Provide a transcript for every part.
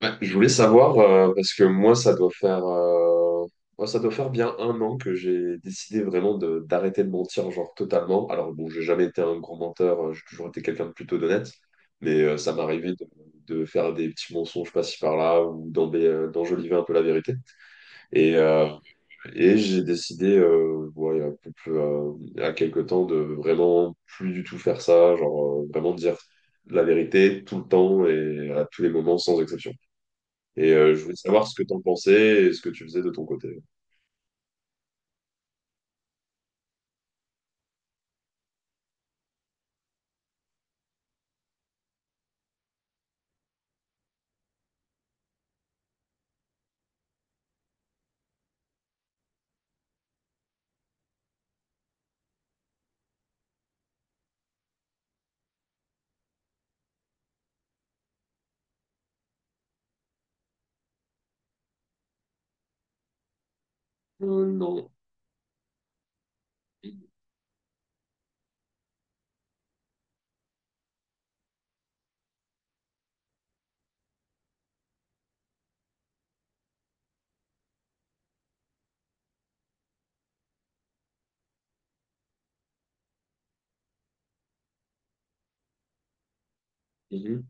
Ouais, je voulais savoir, parce que moi, ça doit faire, moi, ça doit faire bien un an que j'ai décidé vraiment de d'arrêter de mentir, genre totalement. Alors, bon, j'ai jamais été un grand menteur, j'ai toujours été quelqu'un de plutôt d'honnête, mais ça m'arrivait de faire des petits mensonges par-ci par-là ou d'enjoliver un peu la vérité. Et, euh, et j'ai décidé, ouais, il y a quelques temps, de vraiment plus du tout faire ça, genre vraiment dire la vérité tout le temps et à tous les moments sans exception. Et je voulais savoir ce que t'en pensais et ce que tu faisais de ton côté. Non. Mhm.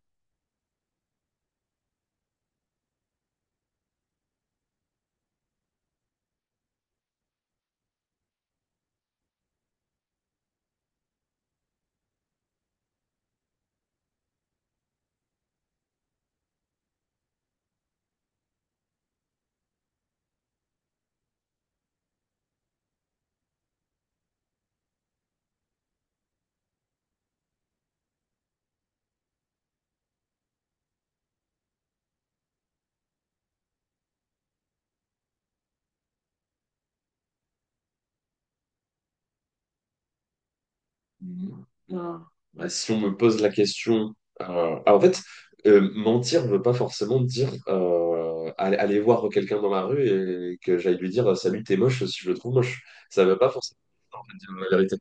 Mhm. Ah. Bah, si on me pose la question, en fait, mentir ne veut pas forcément dire aller voir quelqu'un dans la rue et que j'aille lui dire salut, t'es moche si je le trouve moche. Ça ne veut pas forcément dire, en fait, dire la vérité.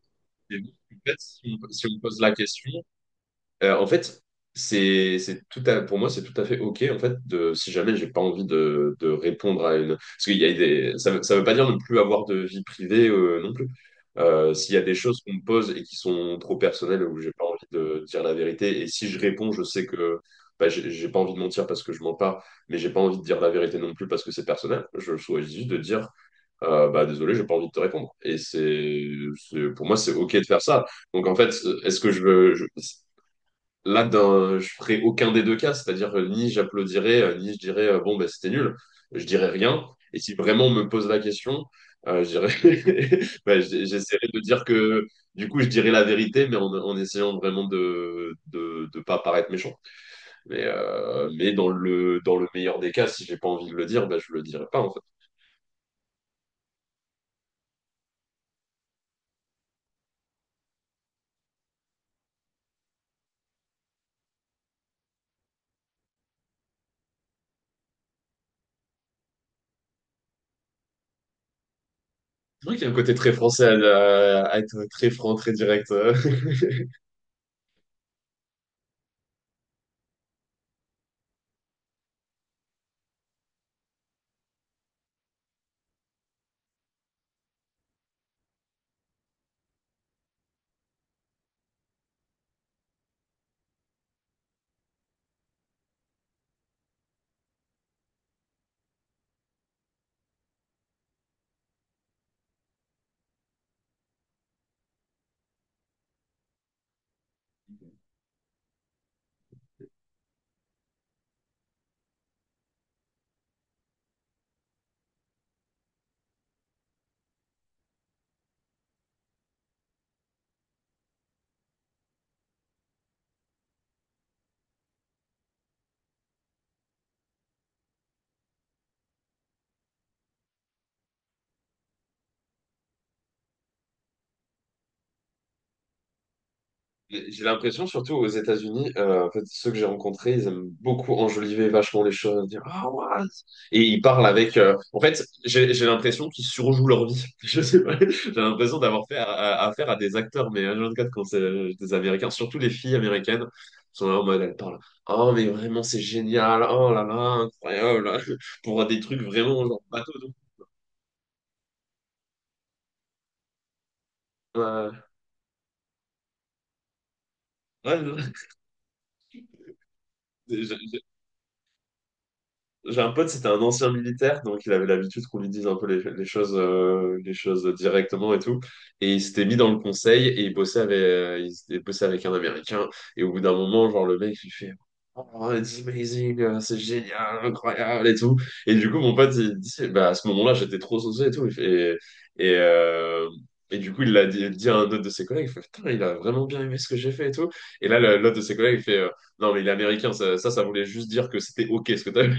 Et donc, en fait, si on me pose la question, en fait, c'est pour moi, c'est tout à fait OK, en fait, de, si jamais j'ai pas envie de répondre à une... Parce qu'il y a des... ça veut pas dire ne plus avoir de vie privée non plus. S'il y a des choses qu'on me pose et qui sont trop personnelles où j'ai pas envie de dire la vérité, et si je réponds, je sais que bah, j'ai pas envie de mentir parce que je mens pas, mais j'ai pas envie de dire la vérité non plus parce que c'est personnel, je choisis juste de dire... bah désolé, j'ai pas envie de te répondre. Pour moi, c'est OK de faire ça. Donc en fait, est-ce que je veux, je- là, d'un- je ferai aucun des deux cas, c'est-à-dire ni j'applaudirai ni je dirais bon, ben, c'était nul, je dirais rien. Et si vraiment on me pose la question, je dirais, ben, j'essaierai de dire que du coup, je dirais la vérité, mais en essayant vraiment de pas paraître méchant. Mais dans le meilleur des cas, si j'ai pas envie de le dire, ben, je le dirai pas en fait. C'est vrai qu'il y a un côté très français à être très franc, très direct. J'ai l'impression, surtout aux États-Unis, en fait, ceux que j'ai rencontrés, ils aiment beaucoup enjoliver vachement les choses, dire ah what? Et ils parlent avec. En fait, j'ai l'impression qu'ils surjouent leur vie. Je sais pas. J'ai l'impression d'avoir fait affaire à des acteurs, mais h quatre quand c'est des Américains, surtout les filles américaines, sont là en mode elles parlent. Oh mais vraiment c'est génial. Oh là là incroyable. Pour des trucs vraiment genre bateau. Ouais. Ouais, non. J'ai un pote, c'était un ancien militaire, donc il avait l'habitude qu'on lui dise un peu les choses directement et tout. Et il s'était mis dans le conseil et il bossait avec, bossait avec un Américain. Et au bout d'un moment, genre le mec, il fait, Oh, it's amazing, c'est génial, incroyable et tout. Et du coup, mon pote, il dit, bah, à ce moment-là, j'étais trop saucé et tout. Il fait- Et, et, euh, et du coup, il l'a dit à un autre de ses collègues, il fait, putain, il a vraiment bien aimé ce que j'ai fait et tout. Et là, l'autre de ses collègues, il fait, non, mais il est américain, ça voulait juste dire que c'était OK ce que t'as vu.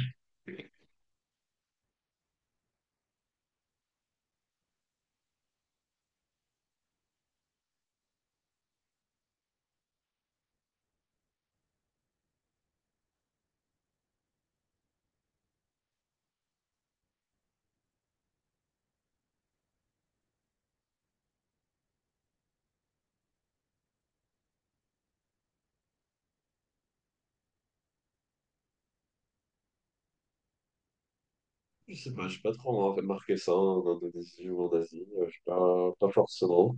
Je sais pas, j'ai pas trop hein, remarqué ça en Indonésie ou en Asie, je sais pas, pas forcément.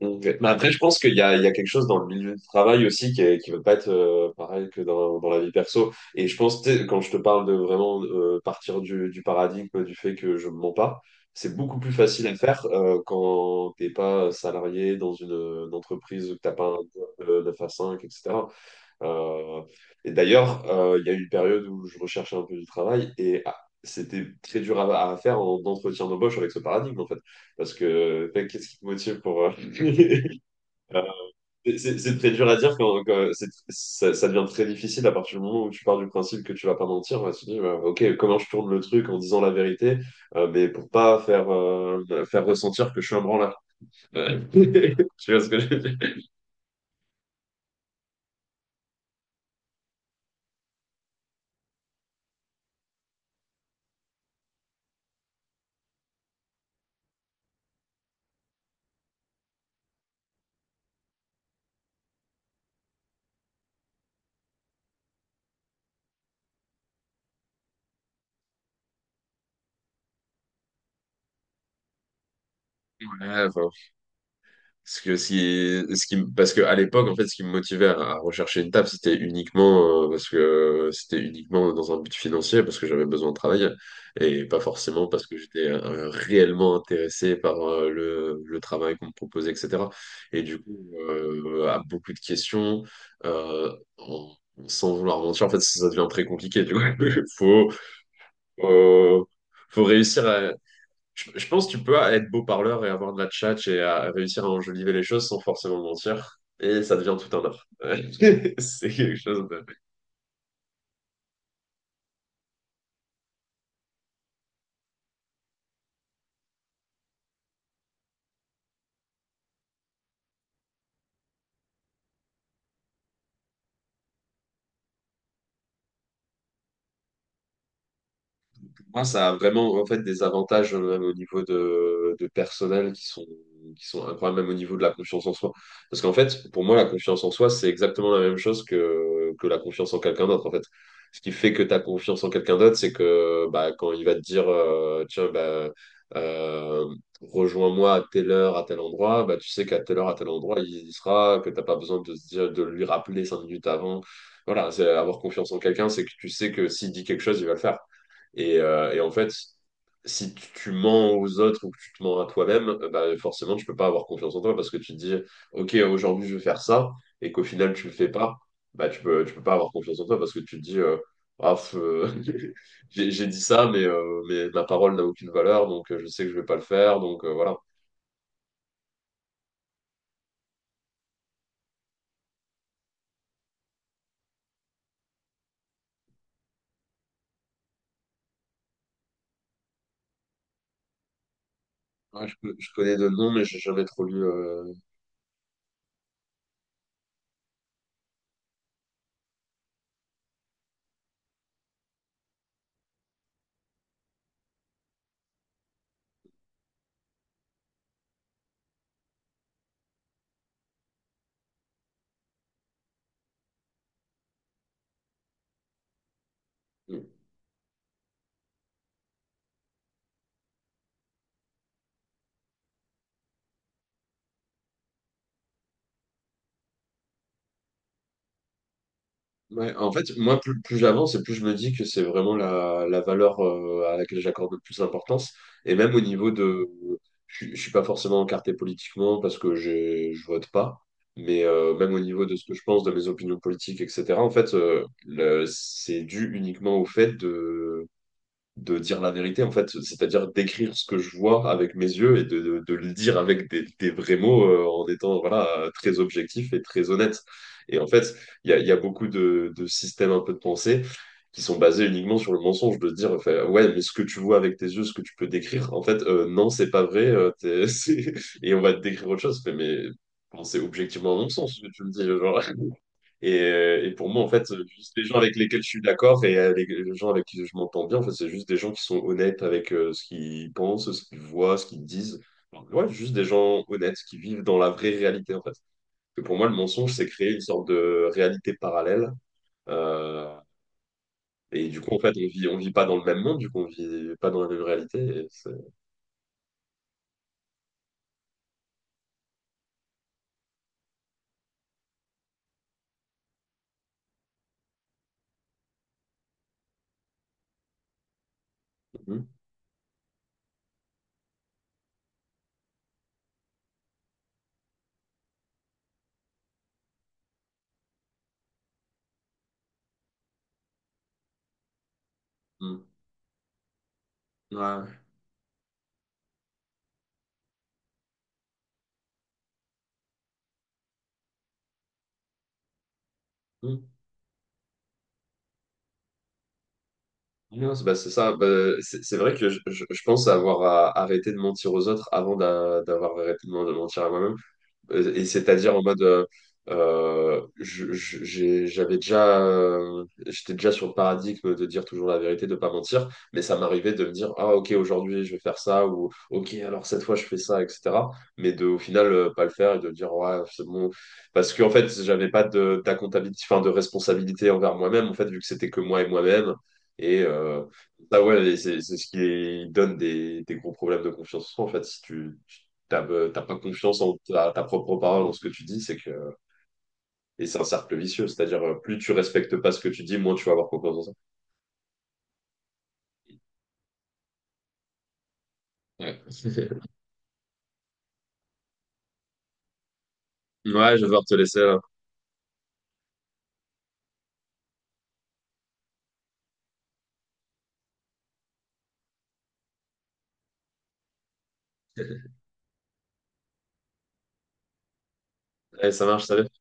Donc, mais après, je pense qu'il y a, il y a quelque chose dans le milieu du travail aussi qui est, qui va pas être pareil que dans la vie perso. Et je pense, tu sais, quand je te parle de vraiment partir du paradigme du fait que je ne mens pas, c'est beaucoup plus facile à faire quand t'es pas salarié dans une entreprise où t'as pas un job de 9 à 5, etc. Euh, et d'ailleurs, il y a eu une période où je recherchais un peu du travail et ah, c'était très dur à faire en entretien d'embauche avec ce paradigme, en fait. Parce que, mec, qu'est-ce qui te motive pour... c'est très dur à dire quand ça devient très difficile à partir du moment où tu pars du principe que tu vas pas mentir. On va se dire, ok, comment je tourne le truc en disant la vérité, mais pour pas faire, faire ressentir que je suis un branleur. Euh, tu vois ce que je veux dire? Ouais, enfin, parce que parce que à l'époque, en fait, ce qui me motivait à rechercher une taf, c'était uniquement, parce que c'était uniquement dans un but financier, parce que j'avais besoin de travailler, et pas forcément parce que j'étais réellement intéressé par le travail qu'on me proposait, etc. Et du coup, à beaucoup de questions, euh, en- sans vouloir mentir, en fait, ça devient très compliqué. Du coup, faut, euh, faut réussir à je pense que tu peux être beau parleur et avoir de la tchatche et à réussir à enjoliver les choses sans forcément mentir. Et ça devient tout un art. C'est quelque chose pour moi, ça a vraiment en fait des avantages même au niveau de personnel qui sont incroyables, même au niveau de la confiance en soi. Parce qu'en fait, pour moi, la confiance en soi, c'est exactement la même chose que la confiance en quelqu'un d'autre. En fait, ce qui fait que tu as confiance en quelqu'un d'autre, c'est que bah quand il va te dire tiens bah euh, rejoins-moi à telle heure, à tel endroit, bah tu sais qu'à telle heure, à tel endroit, il y sera, que t'as pas besoin de se dire de lui rappeler 5 minutes avant. Voilà, c'est avoir confiance en quelqu'un, c'est que tu sais que s'il dit quelque chose, il va le faire. Et en fait, si tu mens aux autres ou que tu te mens à toi-même, bah, forcément, tu peux pas avoir confiance en toi parce que tu te dis, OK, aujourd'hui, je vais faire ça, et qu'au final, tu le fais pas, bah, tu peux pas avoir confiance en toi parce que tu te dis, Ah, f- euh, j'ai dit ça, mais ma parole n'a aucune valeur, donc je sais que je vais pas le faire, donc voilà. Ouais, je connais de nom, mais j'ai jamais trop lu. Ouais, en fait, moi, plus j'avance et plus je me dis que c'est vraiment la valeur à laquelle j'accorde le plus d'importance. Et même au niveau de... Je ne suis pas forcément encarté politiquement parce que je vote pas, mais même au niveau de ce que je pense, de mes opinions politiques, etc., en fait, c'est dû uniquement au fait de dire la vérité, en fait, c'est-à-dire d'écrire ce que je vois avec mes yeux et de le dire avec des vrais mots en étant voilà, très objectif et très honnête. Et en fait, il y a beaucoup de systèmes un peu de pensée qui sont basés uniquement sur le mensonge, de dire, enfin, ouais, mais ce que tu vois avec tes yeux, ce que tu peux décrire, en fait, non, c'est pas vrai, c'est- et on va te décrire autre chose. Fait, mais bon, c'est objectivement un non-sens ce que tu me dis, genre. Et pour moi, en fait, juste les gens avec lesquels je suis d'accord et les les gens avec qui je m'entends bien, en fait, c'est juste des gens qui sont honnêtes avec ce qu'ils pensent, ce qu'ils voient, ce qu'ils disent. Alors, ouais, juste des gens honnêtes qui vivent dans la vraie réalité, en fait. Parce que pour moi, le mensonge, c'est créer une sorte de réalité parallèle. Euh, et du coup, en fait, on vit pas dans le même monde, du coup, on vit pas dans la même réalité. Et c'est- Mhm. Mhm. Ouais. Non, c'est bah, c'est ça. Bah, c'est vrai que je pense avoir arrêté de mentir aux autres avant d'avoir arrêté de mentir à moi-même. Et c'est-à-dire en mode, j'avais déjà, j'étais déjà sur le paradigme de dire toujours la vérité, de pas mentir, mais ça m'arrivait de me dire, ah ok, aujourd'hui je vais faire ça, ou ok, alors cette fois je fais ça, etc. Mais de, au final, pas le faire et de dire, ouais, c'est bon. Parce qu'en fait, j'avais pas d'accountability, enfin, de responsabilité envers moi-même, en fait, vu que c'était que moi et moi-même. Et ça, ouais, et c'est ce qui donne des gros problèmes de confiance en soi, en fait, si t'as pas confiance en ta propre parole, en ce que tu dis, c'est que et c'est un cercle vicieux, c'est-à-dire plus tu respectes pas ce que tu dis, moins tu vas avoir confiance en ça. Ouais, ouais, je vais devoir te laisser là. Allez, ça marche, salut.